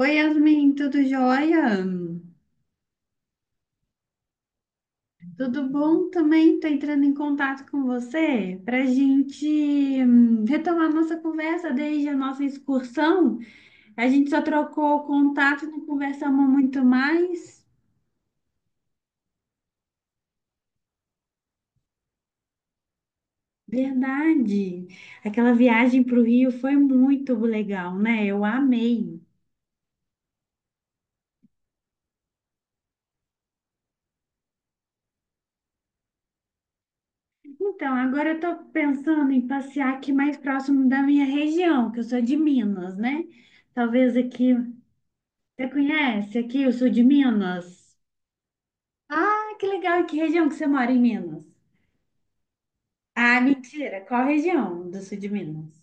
Oi, Yasmin, tudo jóia? Tudo bom também? Estou entrando em contato com você para a gente retomar nossa conversa desde a nossa excursão. A gente só trocou contato e não conversamos muito mais. Verdade. Aquela viagem para o Rio foi muito legal, né? Eu amei. Então, agora eu estou pensando em passear aqui mais próximo da minha região, que eu sou de Minas, né? Talvez aqui. Você conhece aqui o sul de Minas? Ah, que legal! E que região que você mora em Minas? Ah, mentira! Qual região do sul de Minas?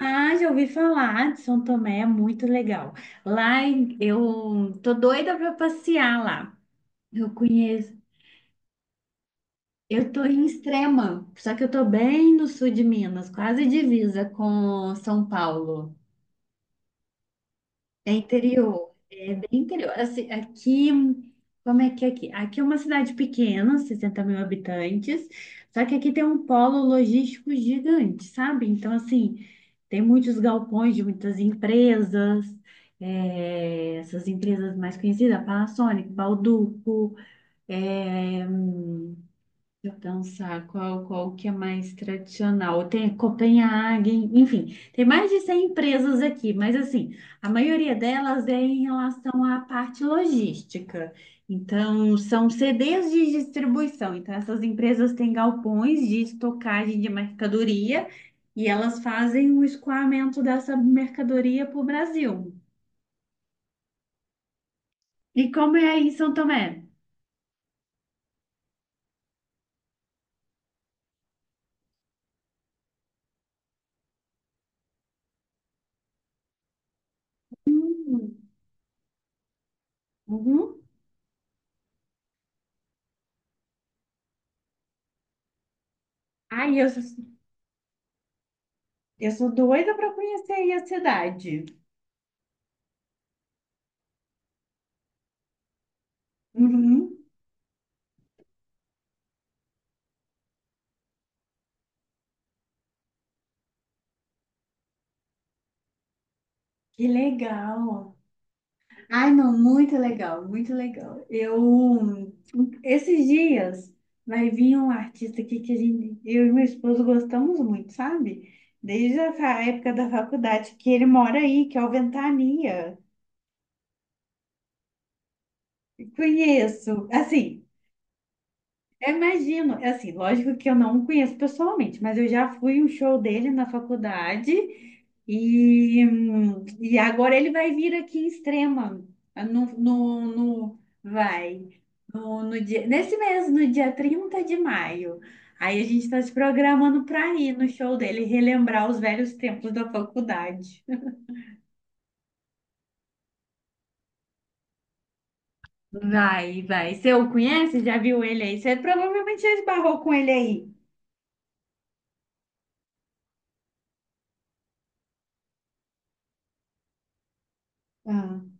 Ah, já ouvi falar de São Tomé, é muito legal. Eu tô doida para passear lá. Eu conheço. Eu tô em Extrema, só que eu tô bem no sul de Minas, quase divisa com São Paulo. É interior, é bem interior. Assim, aqui, como é que é aqui? Aqui é uma cidade pequena, 60 mil habitantes, só que aqui tem um polo logístico gigante, sabe? Então, assim, tem muitos galpões de muitas empresas, é, essas empresas mais conhecidas, Panasonic, Bauducco, eu dançar, qual que é mais tradicional? Tem Copenhague, enfim, tem mais de 100 empresas aqui, mas assim, a maioria delas é em relação à parte logística. Então, são CDs de distribuição. Então, essas empresas têm galpões de estocagem de mercadoria e elas fazem o escoamento dessa mercadoria para o Brasil. E como é aí em São Tomé? Uhum. Ai, eu sou doida para conhecer aí a cidade. Uhum, que legal. Ai, não, muito legal, muito legal. Eu, esses dias, vai vir um artista aqui que a gente, eu e meu esposo gostamos muito, sabe? Época da faculdade, que ele mora aí, que é o Ventania. Conheço, assim. Eu imagino, é assim, lógico que eu não o conheço pessoalmente, mas eu já fui um show dele na faculdade e agora ele vai vir aqui em Extrema, no, no, no- vai, no dia, nesse mês, no dia 30 de maio. Aí a gente está se programando para ir no show dele, relembrar os velhos tempos da faculdade. Vai, vai. Você o conhece? Já viu ele aí? Você provavelmente já esbarrou com ele aí.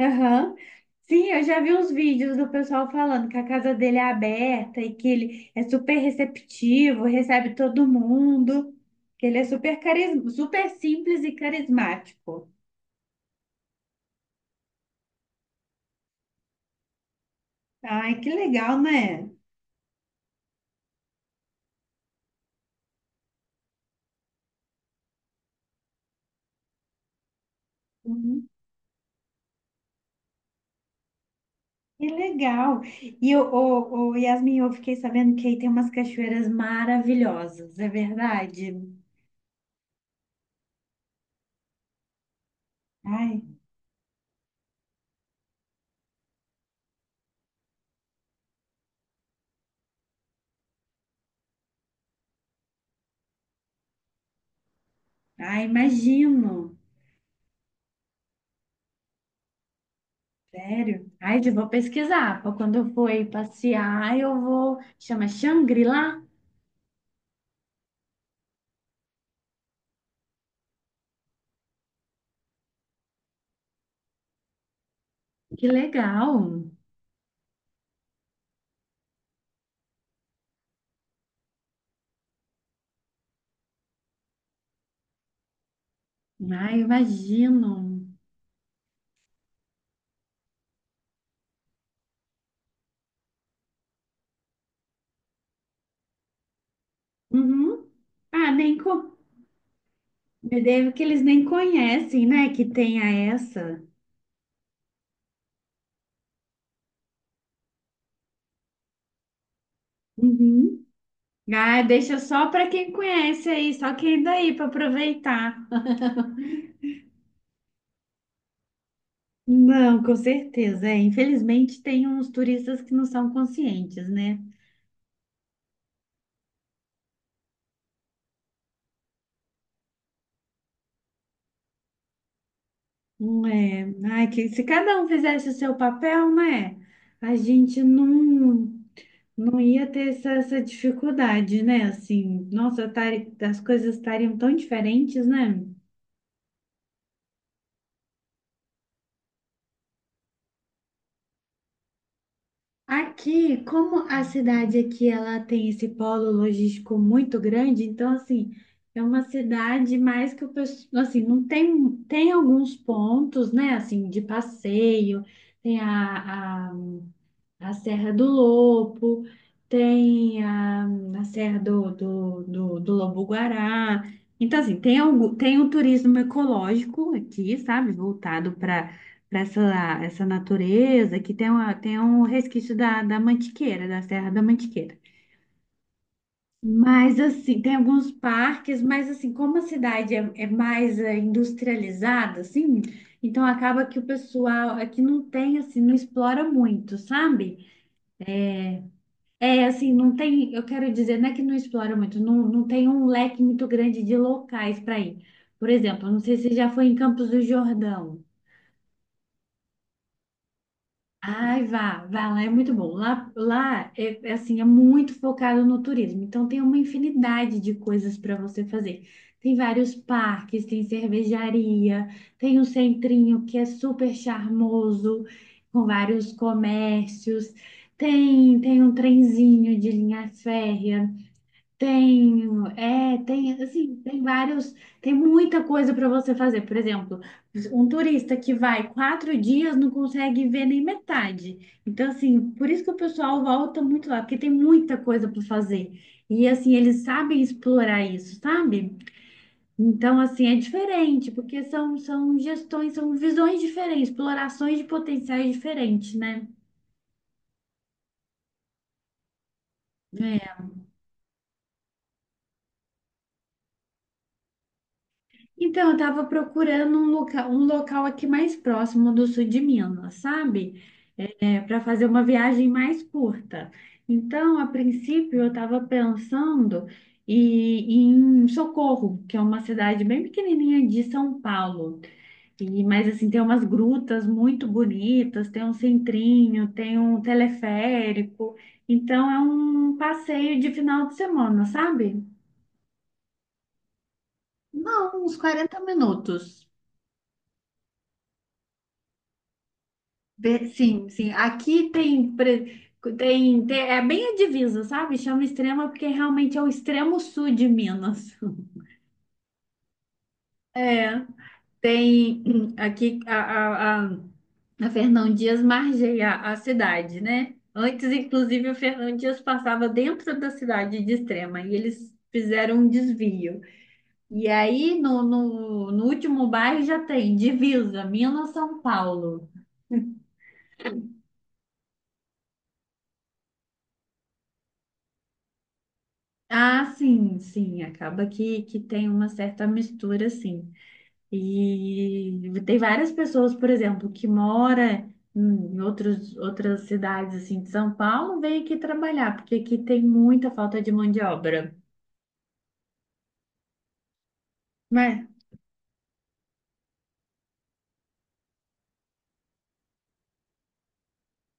Aham. Sim, eu já vi uns vídeos do pessoal falando que a casa dele é aberta e que ele é super receptivo, recebe todo mundo, que ele é super carisma, super simples e carismático. Ai, que legal, né? Uhum. Que legal. E o Yasmin, eu fiquei sabendo que aí tem umas cachoeiras maravilhosas, é verdade? Ai, ai, imagino. Sério? Ai, eu vou pesquisar. Pra quando eu for aí passear, eu vou. Chama Shangri-La? Que legal! Ai, imagino. Uhum. Ah, nem co... Deve que eles nem conhecem, né? Que tenha essa. Uhum. Ah, deixa só para quem conhece aí, só quem é daí para aproveitar. Não, com certeza. É, infelizmente tem uns turistas que não são conscientes, né? Não é. Ai, que se cada um fizesse o seu papel, né? A gente não, não ia ter essa dificuldade, né? Assim, nossa, as coisas estariam tão diferentes, né? Aqui, como a cidade aqui ela tem esse polo logístico muito grande, então assim, é uma cidade mais que o pessoal, assim, não tem tem alguns pontos, né, assim, de passeio, tem a, a Serra do Lopo, tem a, a Serra do Lobo-Guará. Então, assim, tem um turismo ecológico aqui, sabe? Voltado para essa natureza, que tem um resquício da Mantiqueira, da Serra da Mantiqueira. Mas, assim, tem alguns parques, mas, assim, como é mais industrializada, assim, então acaba que o pessoal aqui não tem, assim, não explora muito, sabe? É, é assim, não tem, eu quero dizer, não é que não explora muito, não, não tem um leque muito grande de locais para ir. Por exemplo, não sei se você já foi em Campos do Jordão. Ai, vá, vá lá, é muito bom. Lá é assim, é muito focado no turismo, então tem uma infinidade de coisas para você fazer. Tem vários parques, tem cervejaria, tem um centrinho que é super charmoso, com vários comércios. Tem um trenzinho de linha férrea. Tenho, é, tem, assim, tem vários, tem muita coisa para você fazer. Por exemplo, um turista que vai 4 dias não consegue ver nem metade. Então, assim, por isso que o pessoal volta muito lá, porque tem muita coisa para fazer. E, assim, eles sabem explorar isso, sabe? Então, assim, é diferente, porque são gestões, são visões diferentes, explorações de potenciais diferentes, né? É. Então, eu tava procurando um local aqui mais próximo do sul de Minas, sabe? É, para fazer uma viagem mais curta. Então, a princípio, eu estava pensando em Socorro, que é uma cidade bem pequenininha de São Paulo. E, mas, assim, tem umas grutas muito bonitas, tem um centrinho, tem um teleférico. Então, é um passeio de final de semana, sabe? Não, uns 40 minutos. Sim, sim. Tem- é bem a divisa, sabe? Chama extrema porque realmente é o extremo sul de Minas. É, tem aqui a Fernão Dias margeia a cidade, né? Antes, inclusive, o Fernão Dias passava dentro da cidade de Extrema e eles fizeram um desvio. E aí, no último bairro já tem divisa, Minas-São Paulo. Ah, sim, sim, acaba que tem uma certa mistura, sim. E tem várias pessoas, por exemplo, que mora em outras cidades, assim, de São Paulo, vem aqui trabalhar, porque aqui tem muita falta de mão de obra. Mas,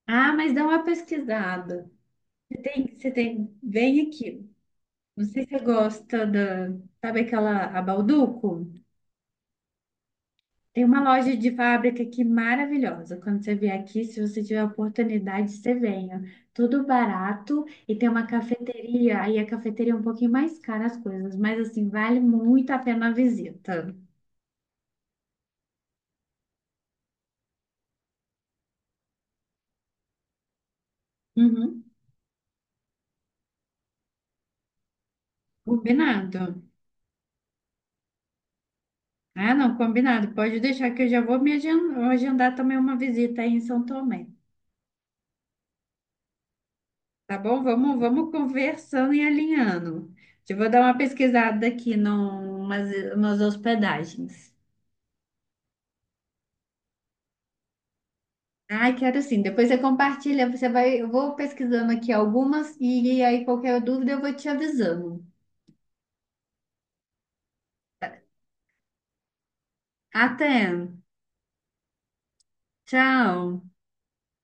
ah, mas dá uma pesquisada. Tem- você tem, vem aqui. Não sei se você gosta da, sabe aquela, a Balduco? Tem uma loja de fábrica aqui maravilhosa. Quando você vier aqui, se você tiver oportunidade, você venha. Tudo barato e tem uma cafeteria. Aí a cafeteria é um pouquinho mais cara as coisas, mas assim, vale muito a pena a visita. Uhum. Combinado. Ah, não, combinado. Pode deixar que eu já vou me agendar também uma visita aí em São Tomé. Tá bom? Vamos, vamos conversando e alinhando. Eu vou dar uma pesquisada aqui numas umas hospedagens. Ai, quero sim. Depois você compartilha, você vai, eu vou pesquisando aqui algumas e aí qualquer dúvida eu vou te avisando. Até. Tchau.